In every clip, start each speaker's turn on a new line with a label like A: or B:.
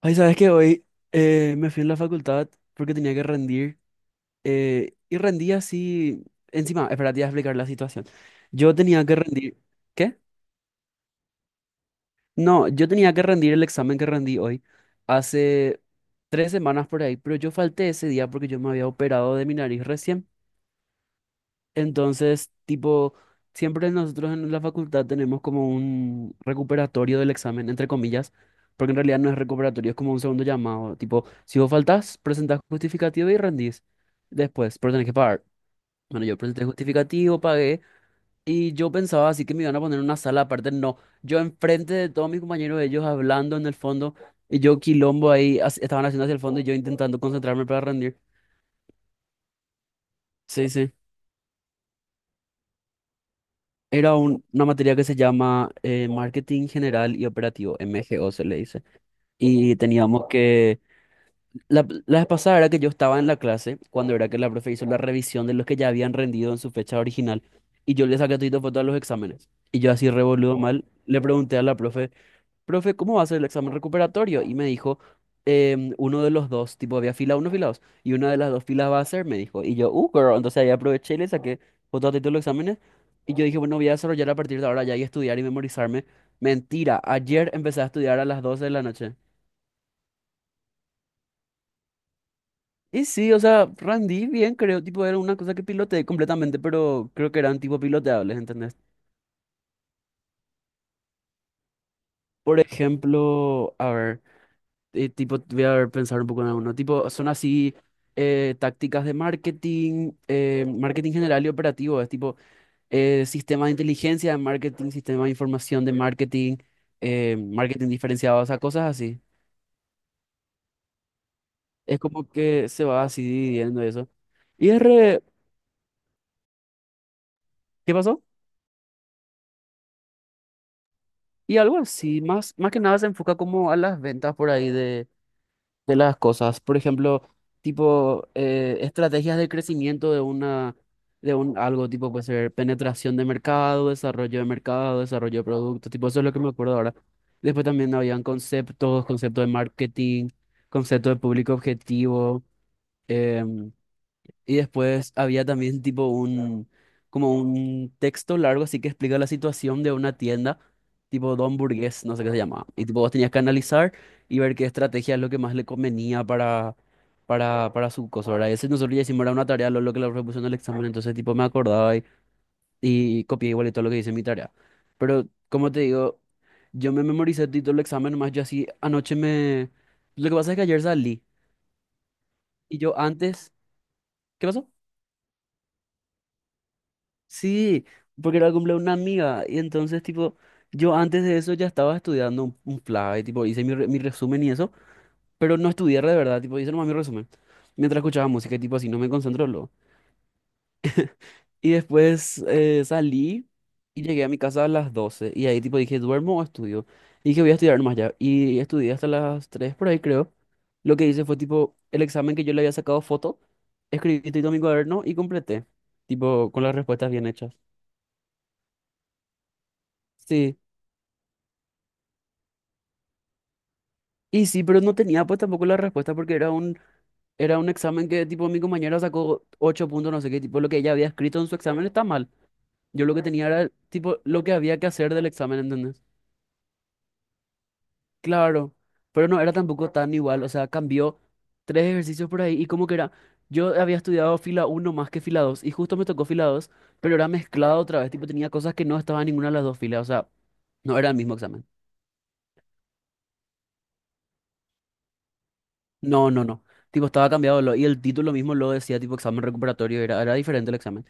A: Ay, ¿sabes que hoy me fui en la facultad porque tenía que rendir y rendí así? Encima, espera, te voy a explicar la situación. Yo tenía que rendir. ¿Qué? No, yo tenía que rendir el examen que rendí hoy hace 3 semanas por ahí, pero yo falté ese día porque yo me había operado de mi nariz recién. Entonces, tipo, siempre nosotros en la facultad tenemos como un recuperatorio del examen, entre comillas, porque en realidad no es recuperatorio, es como un segundo llamado. Tipo, si vos faltás, presentás justificativo y rendís. Después, pero tenés que pagar. Bueno, yo presenté justificativo, pagué, y yo pensaba así que me iban a poner en una sala aparte. No, yo enfrente de todos mis compañeros, ellos hablando en el fondo, y yo quilombo ahí, estaban haciendo hacia el fondo y yo intentando concentrarme para rendir. Sí, sí. Era una materia que se llama Marketing General y Operativo, MGO se le dice. Y teníamos que... La vez pasada era que yo estaba en la clase, cuando era que la profe hizo la revisión de los que ya habían rendido en su fecha original. Y yo le saqué todo foto a los exámenes. Y yo así revoludo mal, le pregunté a la profe, profe, ¿cómo va a ser el examen recuperatorio? Y me dijo, uno de los dos, tipo, había fila uno, fila dos, y una de las dos filas va a ser, me dijo. Y yo, girl, entonces ahí aproveché y le saqué fotos de todos los exámenes. Y yo dije, bueno, voy a desarrollar a partir de ahora ya y estudiar y memorizarme. Mentira, ayer empecé a estudiar a las 12 de la noche. Y sí, o sea, rendí bien, creo, tipo, era una cosa que piloteé completamente, pero creo que eran tipo piloteables, ¿entendés? Por ejemplo, a ver. Tipo, voy a ver, pensar un poco en alguno. Tipo, son así tácticas de marketing, marketing general y operativo. Es tipo sistema de inteligencia de marketing, sistema de información de marketing, marketing diferenciado, o sea, cosas así. Es como que se va así dividiendo eso. Y es re- ¿Qué pasó? Y algo así, más, más que nada se enfoca como a las ventas por ahí de las cosas. Por ejemplo, tipo estrategias de crecimiento de una de un algo tipo puede ser penetración de mercado, desarrollo de mercado, desarrollo de producto, tipo eso es lo que me acuerdo ahora. Después también habían conceptos, conceptos de marketing, concepto de público objetivo. em, y después había también tipo como un texto largo así que explica la situación de una tienda, tipo Don Burgués, no sé qué se llamaba. Y tipo vos tenías que analizar y ver qué estrategia es lo que más le convenía para su cosa, ¿verdad? Y ese nosotros ya hicimos era una tarea, lo que le propusieron en el examen, entonces tipo me acordaba y copié igual y todo lo que dice mi tarea. Pero como te digo, yo me memoricé todo el examen, nomás yo así anoche me... Lo que pasa es que ayer salí y yo antes... ¿Qué pasó? Sí, porque era el cumpleaños de una amiga. Y entonces, tipo, yo antes de eso ya estaba estudiando un fly, tipo, hice mi resumen y eso, pero no estudié de verdad, tipo, hice nomás mi resumen. Mientras escuchaba música y tipo así, no me concentro luego. Y después salí y llegué a mi casa a las 12. Y ahí tipo dije, ¿duermo o estudio? Y dije, voy a estudiar nomás ya. Y estudié hasta las 3 por ahí, creo. Lo que hice fue tipo, el examen que yo le había sacado foto, escribí todo en mi cuaderno y completé, tipo, con las respuestas bien hechas. Sí. Y sí, pero no tenía pues tampoco la respuesta porque era un examen que tipo mi compañera sacó 8 puntos, no sé qué, tipo lo que ella había escrito en su examen está mal. Yo lo que tenía era tipo lo que había que hacer del examen, ¿entendés? Claro, pero no era tampoco tan igual, o sea, cambió tres ejercicios por ahí y como que era, yo había estudiado fila uno más que fila 2 y justo me tocó fila dos, pero era mezclado otra vez, tipo tenía cosas que no estaban en ninguna de las dos filas, o sea, no era el mismo examen. No, no, no. Tipo, estaba cambiado lo- y el título mismo lo decía, tipo examen recuperatorio, era diferente el examen.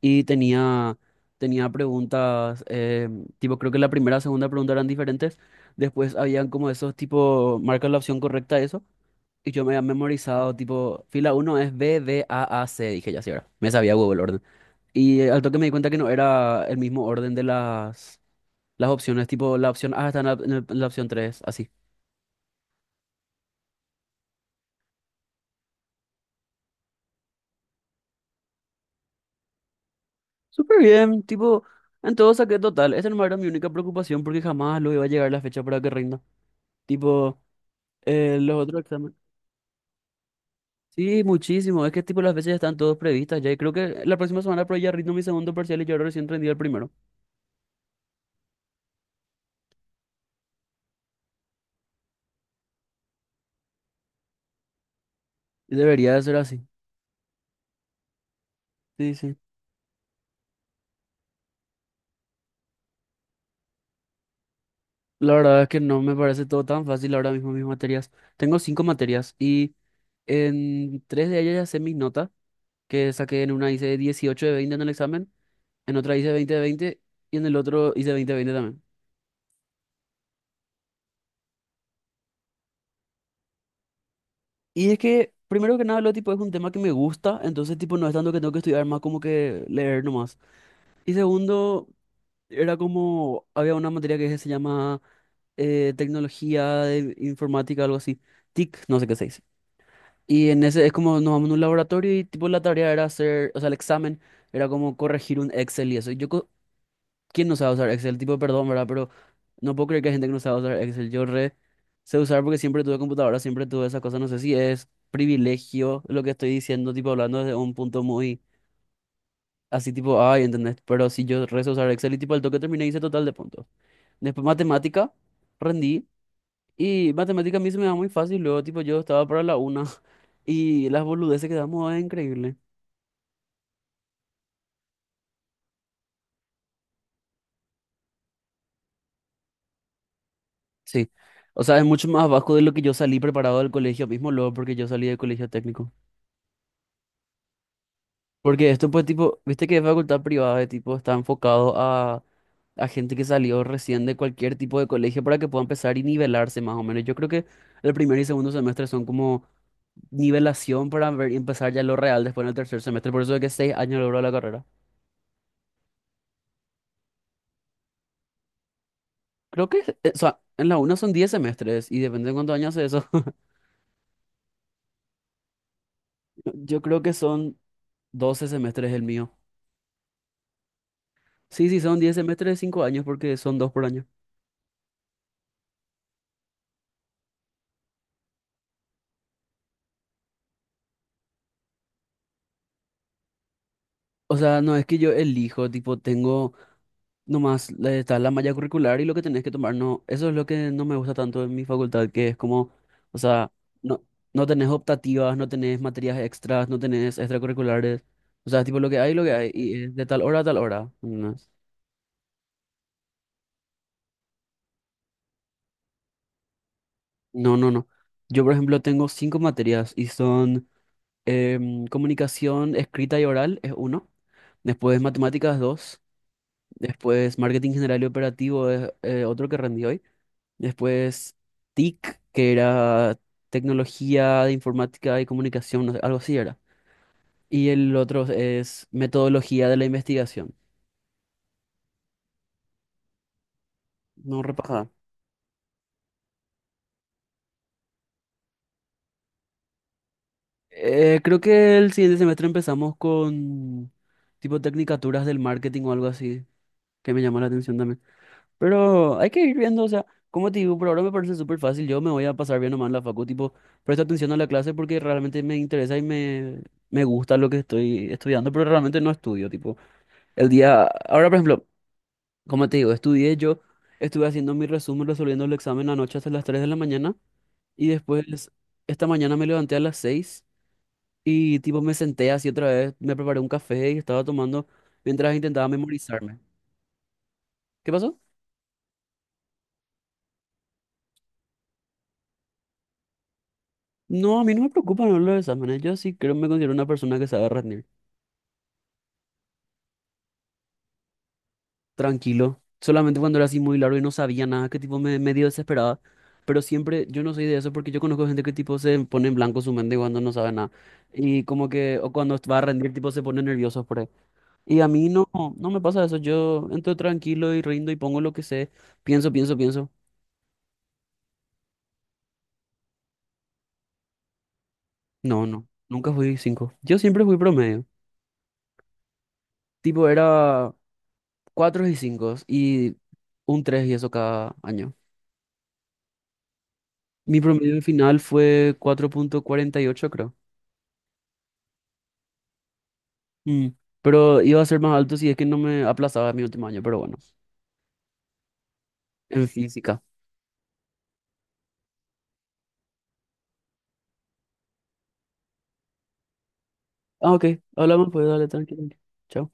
A: Y tenía, preguntas, tipo, creo que la primera y segunda pregunta eran diferentes, después habían como esos tipo, marca la opción correcta eso, y yo me había memorizado, tipo, fila uno es B, D, A, C, dije ya, sí, ahora, me sabía Google el orden. Y al toque me di cuenta que no era el mismo orden de las opciones, tipo, la opción A está en la, en la opción 3 así. Súper bien, tipo. En todo saqué total. Esa no era mi única preocupación porque jamás lo iba a llegar la fecha para que rinda. Tipo, los otros exámenes. Sí, muchísimo. Es que tipo las veces están todas previstas ya. Y creo que la próxima semana por ahí ya rindo mi segundo parcial y yo ahora recién rendí el primero. Y debería de ser así. Sí, sí. La verdad es que no me parece todo tan fácil ahora mismo mis materias. Tengo cinco materias y en tres de ellas ya sé mis notas, que saqué en una hice 18 de 20 en el examen, en otra hice 20 de 20 y en el otro hice 20 de 20 también. Y es que, primero que nada, lo tipo es un tema que me gusta, entonces tipo no es tanto que tengo que estudiar más como que leer nomás. Y segundo, era como, había una materia que se llama tecnología de informática, algo así, TIC, no sé qué se dice. Y en ese es como nos vamos a un laboratorio y tipo la tarea era hacer, o sea, el examen era como corregir un Excel y eso. Y yo, co- ¿quién no sabe usar Excel? Tipo, perdón, ¿verdad? Pero no puedo creer que hay gente que no sabe usar Excel. Yo re sé usar porque siempre tuve computadora, siempre tuve esas cosas. No sé si es privilegio lo que estoy diciendo, tipo hablando desde un punto muy así, tipo, ay, ¿entendés? Pero si yo re sé usar Excel y tipo al toque terminé hice total de puntos. Después matemática, rendí. Y matemática a mí se me da muy fácil. Luego, tipo, yo estaba para la una. Y las boludeces que damos es increíble. Sí. O sea, es mucho más bajo de lo que yo salí preparado del colegio mismo, luego, porque yo salí del colegio técnico. Porque esto, pues, tipo, viste que es facultad privada, de tipo, está enfocado a gente que salió recién de cualquier tipo de colegio para que pueda empezar y nivelarse más o menos. Yo creo que el primer y segundo semestre son como nivelación para ver, empezar ya lo real después en el tercer semestre. Por eso es que 6 años logró la carrera. Creo que, o sea, en la UNA son 10 semestres y depende de cuántos años es eso. Yo creo que son 12 semestres el mío. Sí, sí, son 10 semestres de 5 años porque son 2 por año. O sea, no es que yo elijo, tipo, tengo nomás, la- está la malla curricular y lo que tenés que tomar, no, eso es lo que no me gusta tanto en mi facultad, que es como, o sea, no, no tenés optativas, no tenés materias extras, no tenés extracurriculares, o sea, tipo, lo que hay, y es de tal hora a tal hora. No, no, no. No. Yo, por ejemplo, tengo 5 materias y son comunicación escrita y oral es uno. Después matemáticas dos. Después marketing general y operativo es otro que rendí hoy. Después TIC, que era tecnología de informática y comunicación, no sé, algo así era. Y el otro es metodología de la investigación. No repasada. Creo que el siguiente semestre empezamos con tipo tecnicaturas del marketing o algo así, que me llamó la atención también. Pero hay que ir viendo, o sea, como te digo, por ahora me parece súper fácil. Yo me voy a pasar bien nomás en la facu, tipo, presta atención a la clase porque realmente me interesa y me gusta lo que estoy estudiando, pero realmente no estudio, tipo, el día. Ahora, por ejemplo, como te digo, estudié yo, estuve haciendo mi resumen, resolviendo el examen anoche hasta las 3 de la mañana y después, esta mañana me levanté a las 6 y, tipo, me senté así otra vez, me preparé un café y estaba tomando mientras intentaba memorizarme. ¿Qué pasó? No, a mí no me preocupan no, los exámenes. Yo sí creo me considero una persona que sabe rendir. Tranquilo. Solamente cuando era así muy largo y no sabía nada, que tipo me medio desesperaba. Pero siempre, yo no soy de eso porque yo conozco gente que tipo se pone en blanco su mente cuando no sabe nada. Y como que, o cuando va a rendir, tipo se pone nervioso por ahí. Y a mí no, no me pasa eso. Yo entro tranquilo y rindo y pongo lo que sé. Pienso, pienso, pienso. No, no. Nunca fui cinco. Yo siempre fui promedio. Tipo era cuatro y cinco y un tres y eso cada año. Mi promedio final fue 4,48 creo. Mm. Pero iba a ser más alto si es que no me aplazaba mi último año, pero bueno, en física. Ah, ok, hablamos pues, dale, tranquilo. Chao.